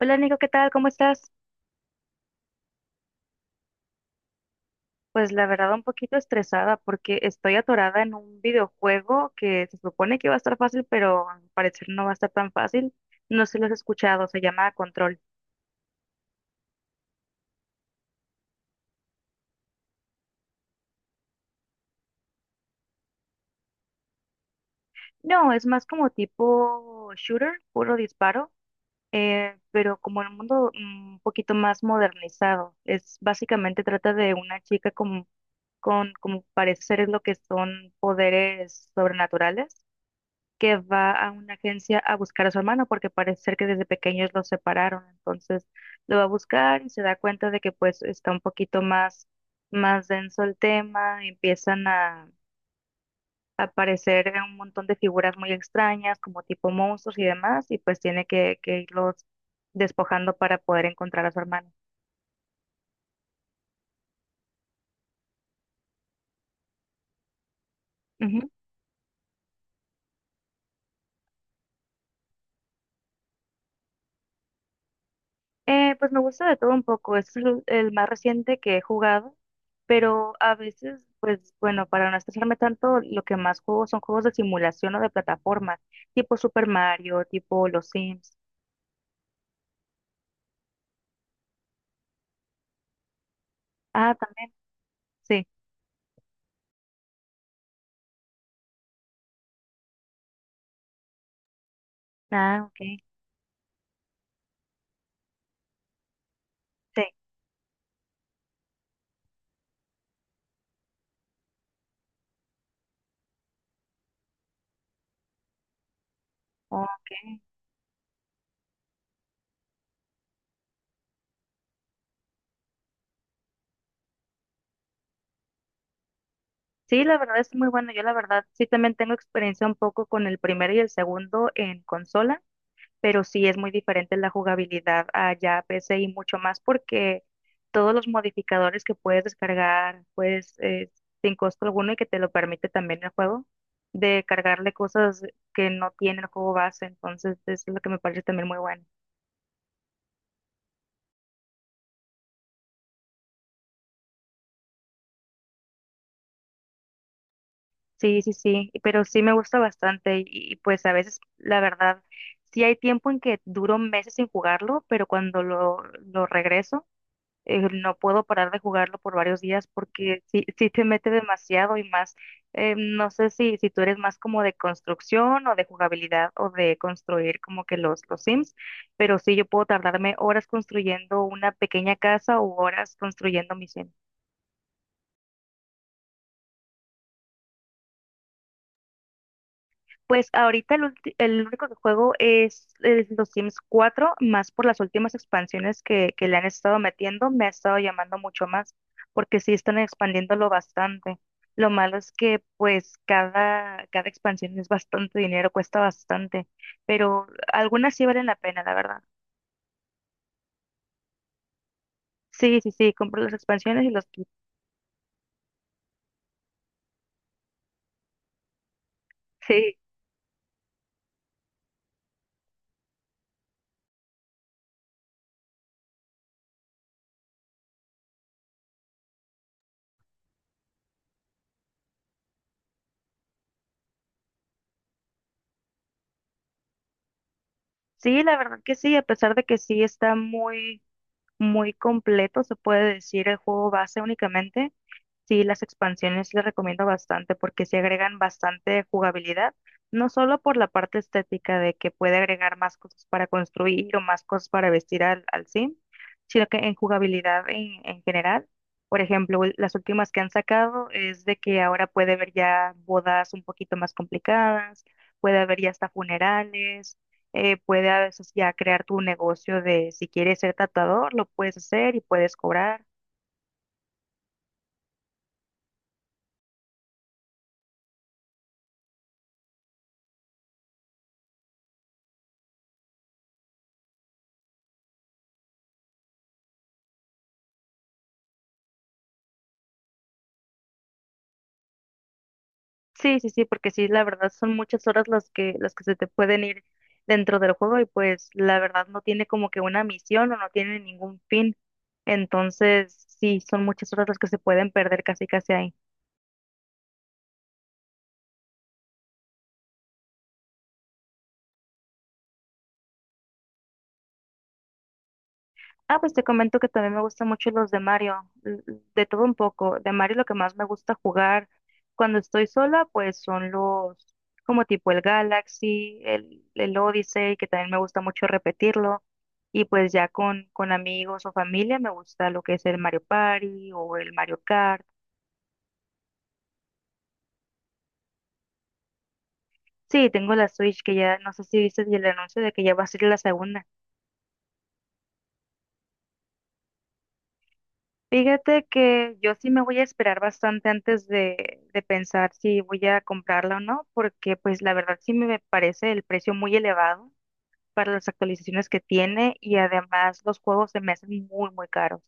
Hola Nico, ¿qué tal? ¿Cómo estás? Pues la verdad un poquito estresada porque estoy atorada en un videojuego que se supone que va a estar fácil, pero al parecer no va a estar tan fácil. No sé si lo has escuchado, se llama Control. No, es más como tipo shooter, puro disparo, pero como en un mundo un poquito más modernizado. Es básicamente trata de una chica con, como parece ser es lo que son poderes sobrenaturales que va a una agencia a buscar a su hermano porque parece ser que desde pequeños los separaron. Entonces lo va a buscar y se da cuenta de que pues está un poquito más denso el tema, empiezan a aparecer un montón de figuras muy extrañas como tipo monstruos y demás y pues tiene que irlos despojando para poder encontrar a su hermano. Pues me gusta de todo un poco. Este es el más reciente que he jugado, pero a veces, pues bueno, para no estresarme tanto, lo que más juego son juegos de simulación o de plataformas, tipo Super Mario, tipo Los Sims. Ah, también, sí. Ah, ok. Sí, ok. Sí, la verdad es muy bueno. Yo la verdad sí también tengo experiencia un poco con el primero y el segundo en consola. Pero sí es muy diferente la jugabilidad allá a PC y mucho más porque todos los modificadores que puedes descargar, pues sin costo alguno y que te lo permite también el juego, de cargarle cosas que no tiene el juego base, entonces es lo que me parece también muy bueno. Sí, sí, sí, pero sí me gusta bastante y, pues a veces, la verdad, sí hay tiempo en que duro meses sin jugarlo, pero cuando lo regreso, no puedo parar de jugarlo por varios días porque sí, sí te mete demasiado y más, no sé si tú eres más como de construcción o de jugabilidad o de construir como que los Sims, pero sí yo puedo tardarme horas construyendo una pequeña casa o horas construyendo mis Sims. Pues ahorita el único que juego es, los Sims 4 más por las últimas expansiones que le han estado metiendo, me ha estado llamando mucho más, porque sí están expandiéndolo bastante. Lo malo es que pues cada expansión es bastante dinero, cuesta bastante, pero algunas sí valen la pena, la verdad. Sí, sí, sí, compro las expansiones y los kits. Sí, sí, la verdad que sí, a pesar de que sí está muy, muy completo, se puede decir el juego base únicamente. Sí, las expansiones les recomiendo bastante porque se agregan bastante jugabilidad, no solo por la parte estética de que puede agregar más cosas para construir o más cosas para vestir al sim, sino que en jugabilidad en general. Por ejemplo, las últimas que han sacado es de que ahora puede haber ya bodas un poquito más complicadas, puede haber ya hasta funerales, puede a veces ya crear tu negocio de si quieres ser tatuador, lo puedes hacer y puedes cobrar. Sí, sí, sí, porque sí, la verdad son muchas horas las que se te pueden ir dentro del juego y pues la verdad no tiene como que una misión o no tiene ningún fin. Entonces, sí, son muchas horas las que se pueden perder casi casi ahí. Ah, pues te comento que también me gustan mucho los de Mario, de todo un poco. De Mario lo que más me gusta jugar cuando estoy sola, pues son los como tipo el Galaxy, el Odyssey, que también me gusta mucho repetirlo. Y pues ya con amigos o familia me gusta lo que es el Mario Party o el Mario Kart. Sí, tengo la Switch que ya, no sé si viste el anuncio de que ya va a ser la segunda. Fíjate que yo sí me voy a esperar bastante antes de pensar si voy a comprarla o no, porque pues la verdad sí me parece el precio muy elevado para las actualizaciones que tiene y además los juegos se me hacen muy, muy caros.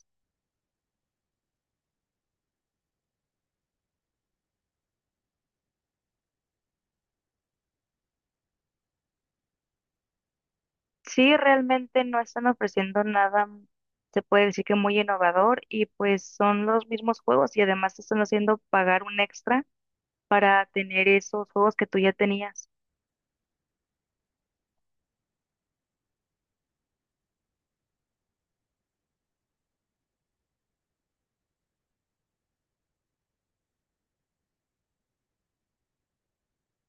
Sí, realmente no están ofreciendo nada, se puede decir que muy innovador y pues son los mismos juegos y además te están haciendo pagar un extra para tener esos juegos que tú ya tenías.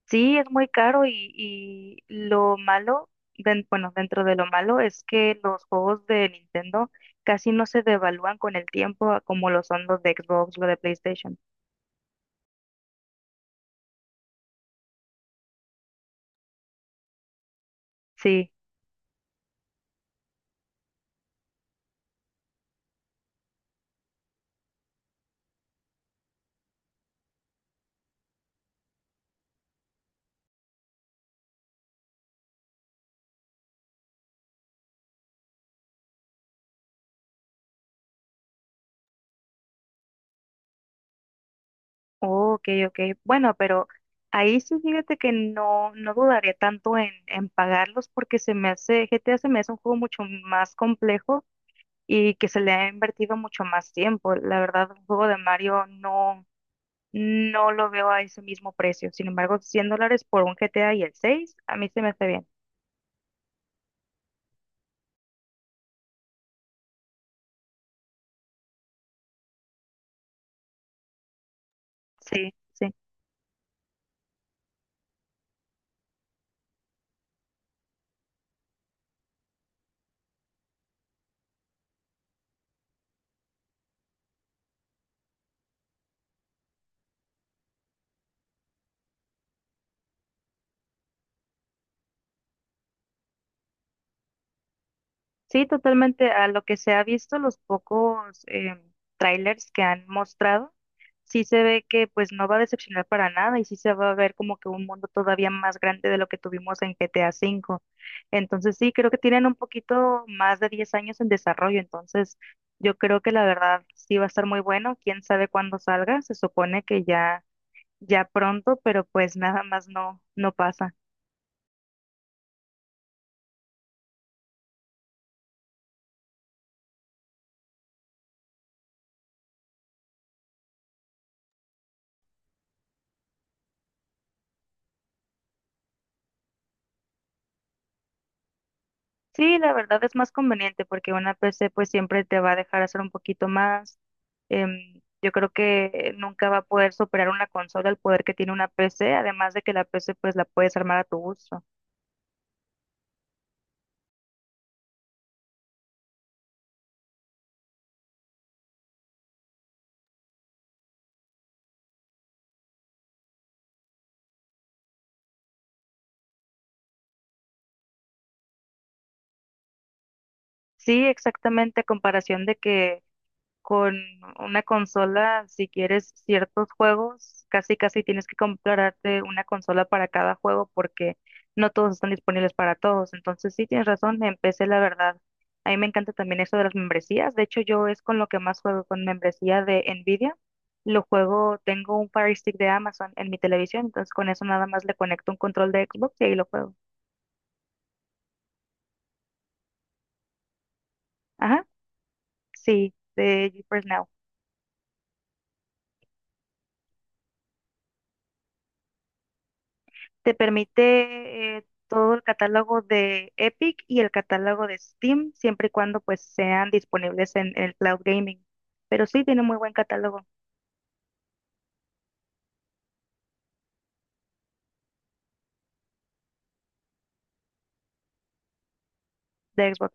Sí, es muy caro y lo malo, bueno, dentro de lo malo es que los juegos de Nintendo casi no se devalúan con el tiempo a como lo son los de Xbox, los de PlayStation. Sí, oh, ok, ok. Bueno, pero ahí sí fíjate que no, no dudaría tanto en pagarlos porque se me hace, GTA se me hace un juego mucho más complejo y que se le ha invertido mucho más tiempo. La verdad, un juego de Mario no. No lo veo a ese mismo precio. Sin embargo, $100 por un GTA y el 6, a mí se me hace bien. Sí, sí. Sí, totalmente. A lo que se ha visto, los pocos trailers que han mostrado, sí se ve que pues no va a decepcionar para nada y sí se va a ver como que un mundo todavía más grande de lo que tuvimos en GTA V. Entonces sí, creo que tienen un poquito más de 10 años en desarrollo. Entonces yo creo que la verdad sí va a estar muy bueno. Quién sabe cuándo salga. Se supone que ya pronto, pero pues nada más no, no pasa. Sí, la verdad es más conveniente porque una PC pues siempre te va a dejar hacer un poquito más. Em, yo creo que nunca va a poder superar una consola el poder que tiene una PC, además de que la PC pues la puedes armar a tu gusto. Sí, exactamente, a comparación de que con una consola, si quieres ciertos juegos, casi casi tienes que comprarte una consola para cada juego porque no todos están disponibles para todos. Entonces sí tienes razón, empecé la verdad. A mí me encanta también eso de las membresías. De hecho, yo es con lo que más juego, con membresía de Nvidia. Lo juego, tengo un Fire Stick de Amazon en mi televisión, entonces con eso nada más le conecto un control de Xbox y ahí lo juego. Ajá, sí, de GeForce Now. Te permite todo el catálogo de Epic y el catálogo de Steam, siempre y cuando pues sean disponibles en el cloud gaming. Pero sí tiene muy buen catálogo de Xbox.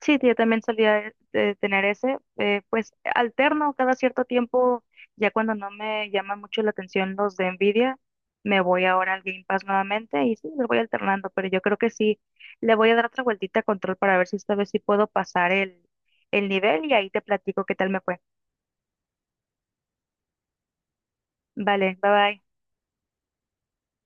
Sí, yo también solía tener ese, pues alterno cada cierto tiempo, ya cuando no me llama mucho la atención los de Nvidia, me voy ahora al Game Pass nuevamente y sí, lo voy alternando, pero yo creo que sí, le voy a dar otra vueltita a control para ver si esta vez sí puedo pasar el nivel y ahí te platico qué tal me fue. Vale, bye bye.